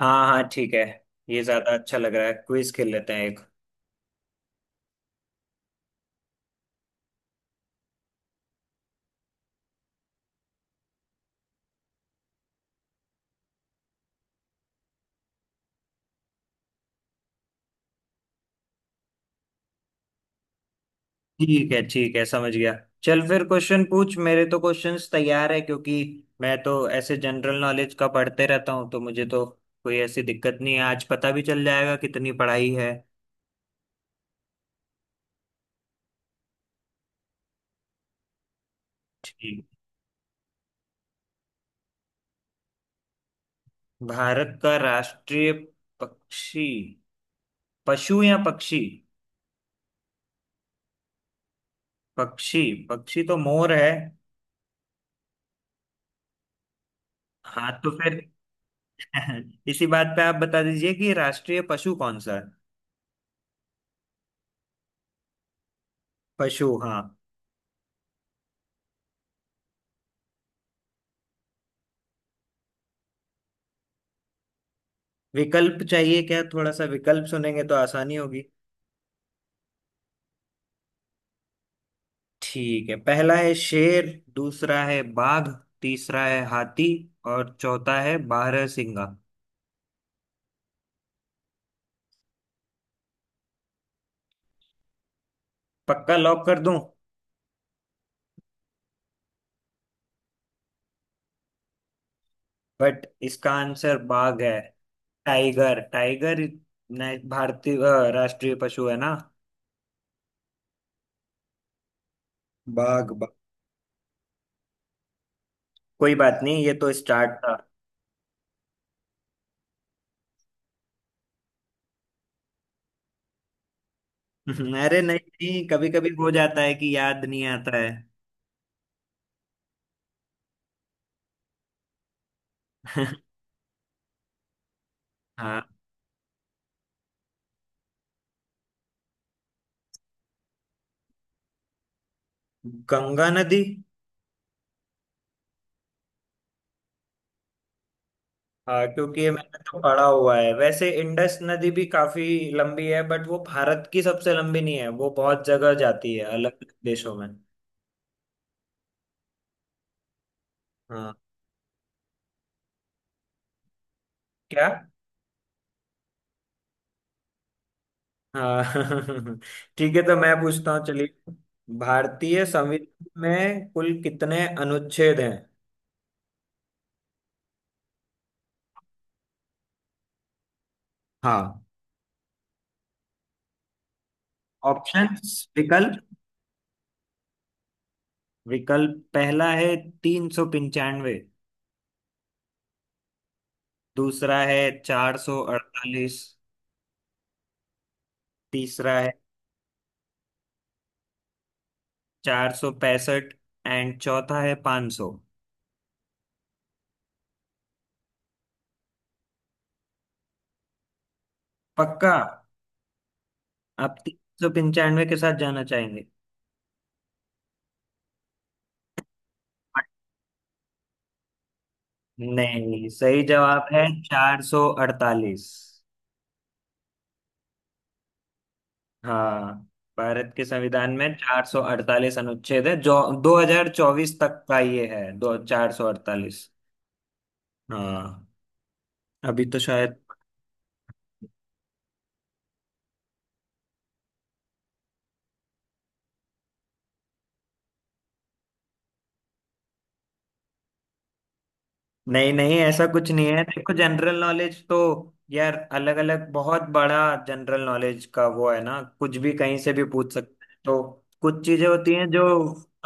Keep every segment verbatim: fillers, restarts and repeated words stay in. हाँ हाँ, ठीक है। ये ज्यादा अच्छा लग रहा है, क्विज खेल लेते हैं एक। ठीक है ठीक है, समझ गया। चल फिर क्वेश्चन पूछ, मेरे तो क्वेश्चंस तैयार है क्योंकि मैं तो ऐसे जनरल नॉलेज का पढ़ते रहता हूँ, तो मुझे तो कोई ऐसी दिक्कत नहीं है। आज पता भी चल जाएगा कितनी पढ़ाई है। ठीक। भारत का राष्ट्रीय पक्षी पशु या पक्षी? पक्षी। पक्षी तो मोर है। हाँ तो फिर इसी बात पे आप बता दीजिए कि राष्ट्रीय पशु कौन सा है। पशु हाँ। विकल्प चाहिए क्या? थोड़ा सा विकल्प सुनेंगे तो आसानी होगी। ठीक है, पहला है शेर। दूसरा है बाघ। तीसरा है हाथी। और चौथा है बारहसिंगा। पक्का लॉक कर दूं? बट इसका आंसर बाघ है। टाइगर टाइगर ने- भारतीय अ, राष्ट्रीय पशु है ना। बाघ बाघ। कोई बात नहीं, ये तो स्टार्ट था। अरे नहीं नहीं, कभी कभी हो जाता है कि याद नहीं आता है। हाँ। गंगा नदी। हाँ, क्योंकि ये मैंने तो पढ़ा हुआ है। वैसे इंडस नदी भी काफी लंबी है बट वो भारत की सबसे लंबी नहीं है, वो बहुत जगह जाती है अलग अलग देशों में। हाँ। क्या? हाँ। ठीक है तो मैं पूछता हूँ, चलिए। भारतीय संविधान में कुल कितने अनुच्छेद हैं? हाँ। ऑप्शंस विकल्प। विकल्प पहला है तीन सौ पंचानवे। दूसरा है चार सौ अड़तालीस। तीसरा है चार सौ पैंसठ। एंड चौथा है पांच सौ। पक्का? आप तीन सौ पंचानवे के साथ जाना चाहेंगे? नहीं, सही जवाब है चार सौ अड़तालीस। हाँ, भारत के संविधान में चार सौ अड़तालीस अनुच्छेद है जो दो हज़ार चौबीस तक का ये है। दो चार सौ अड़तालीस। हाँ, अभी तो शायद। नहीं नहीं, ऐसा कुछ नहीं है। देखो, जनरल नॉलेज तो यार अलग अलग बहुत बड़ा जनरल नॉलेज का वो है ना, कुछ भी कहीं से भी पूछ सकते हैं। तो कुछ चीजें होती हैं जो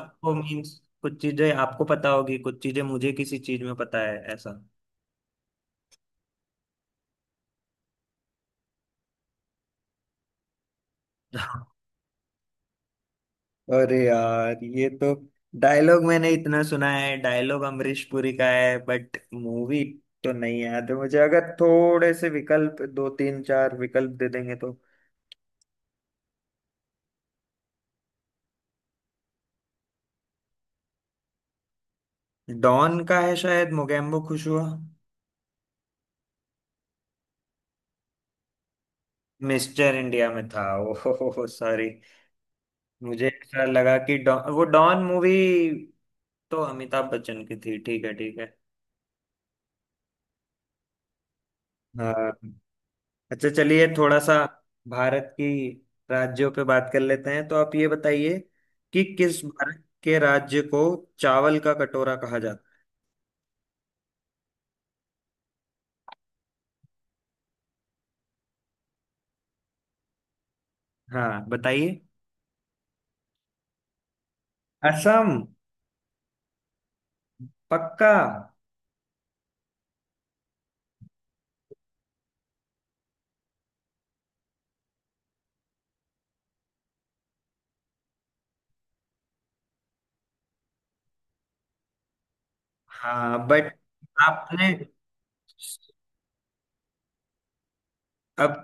आपको मीन्स कुछ चीजें आपको पता होगी, कुछ चीजें मुझे, किसी चीज में पता है ऐसा। अरे यार, ये तो डायलॉग मैंने इतना सुना है। डायलॉग अमरीश पुरी का है बट मूवी तो नहीं याद है मुझे। अगर थोड़े से विकल्प, दो तीन चार विकल्प दे देंगे तो। डॉन का है शायद मोगेम्बो खुश हुआ। मिस्टर इंडिया में था। ओहो सॉरी, मुझे ऐसा लगा कि डॉन, वो डॉन मूवी तो अमिताभ बच्चन की थी। ठीक है ठीक है। हाँ। अच्छा चलिए, थोड़ा सा भारत की राज्यों पे बात कर लेते हैं। तो आप ये बताइए कि किस भारत के राज्य को चावल का कटोरा कहा जाता है। हाँ बताइए। असम? पक्का? हाँ बट आपने अब,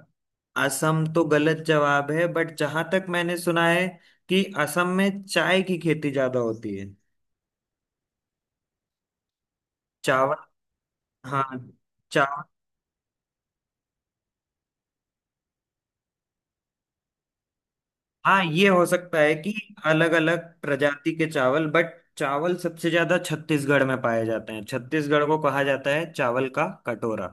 असम तो गलत जवाब है। बट जहां तक मैंने सुना है कि असम में चाय की खेती ज्यादा होती है। चावल। हाँ। चावल। हाँ ये हो सकता है कि अलग अलग प्रजाति के चावल, बट चावल सबसे ज्यादा छत्तीसगढ़ में पाए जाते हैं। छत्तीसगढ़ को कहा जाता है चावल का कटोरा।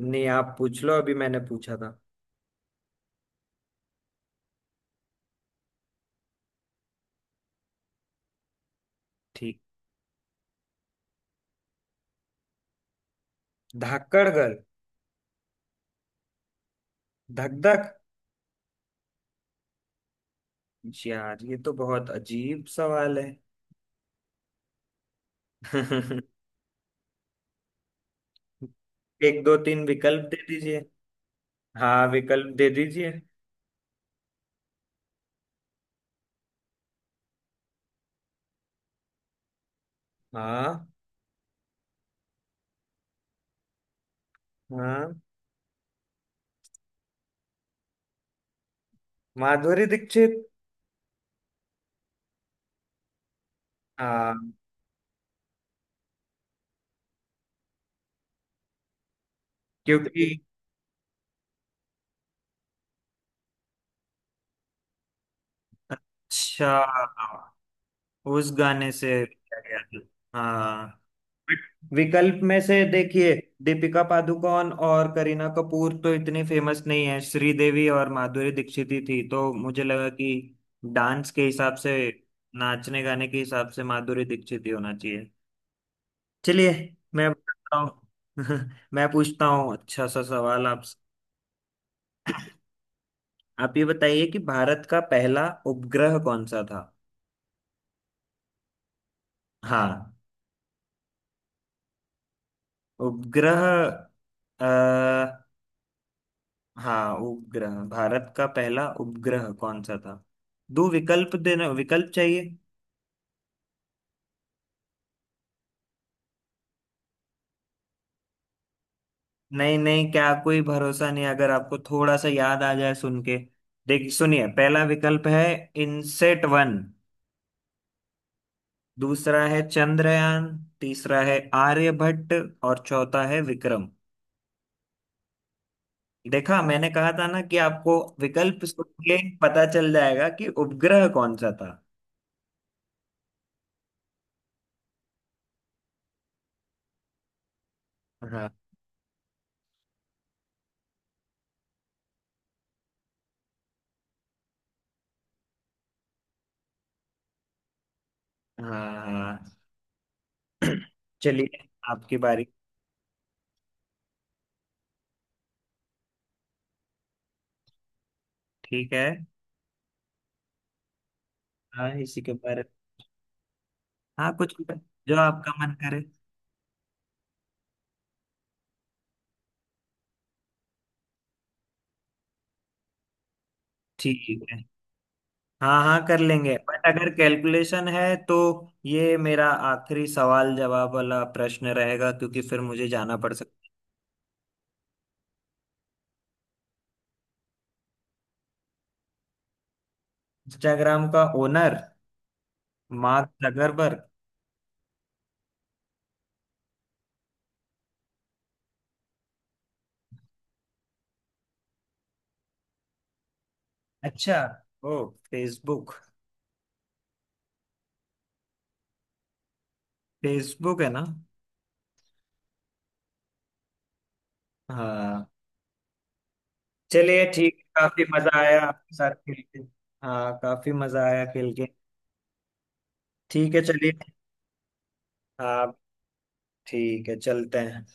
नहीं आप पूछ लो, अभी मैंने पूछा था। ठीक। धाकड़गढ़? धक धक? यार ये तो बहुत अजीब सवाल है। एक दो तीन विकल्प दे दीजिए। हाँ विकल्प दे दीजिए। हाँ हाँ। माधुरी दीक्षित। हाँ क्योंकि। अच्छा। उस गाने से किया गया था। हाँ। विकल्प में से देखिए, दीपिका पादुकोण और करीना कपूर तो इतनी फेमस नहीं है, श्रीदेवी और माधुरी दीक्षित ही थी। तो मुझे लगा कि डांस के हिसाब से, नाचने गाने के हिसाब से माधुरी दीक्षित ही होना चाहिए। चलिए, मैं बताता हूँ। मैं पूछता हूँ अच्छा सा सवाल आप। आप ये बताइए कि भारत का पहला उपग्रह कौन सा था। हाँ। उपग्रह, आ, हाँ उपग्रह। भारत का पहला उपग्रह कौन सा था? दो विकल्प देना, विकल्प चाहिए? नहीं नहीं, क्या कोई भरोसा नहीं? अगर आपको थोड़ा सा याद आ जाए सुन के। देख, सुनिए, पहला विकल्प है इनसेट वन। दूसरा है चंद्रयान। तीसरा है आर्यभट्ट। और चौथा है विक्रम। देखा, मैंने कहा था ना कि आपको विकल्प सुन के पता चल जाएगा कि उपग्रह कौन सा था। हाँ। हाँ हाँ। चलिए, आपकी बारी। ठीक है। हाँ इसी के बारे में। हाँ, कुछ भी, जो आपका मन करे। ठीक है, हाँ हाँ कर लेंगे। बट अगर कैलकुलेशन है तो ये मेरा आखिरी सवाल जवाब वाला प्रश्न रहेगा, क्योंकि फिर मुझे जाना पड़ सकता। इंस्टाग्राम का ओनर मार्क जकरबर्ग। अच्छा। ओ, फेसबुक। फेसबुक है ना। हाँ। चलिए ठीक है, काफी मजा आया आपके साथ खेल के। हाँ, काफी मजा आया खेल के। ठीक है चलिए। हाँ ठीक है, चलते हैं।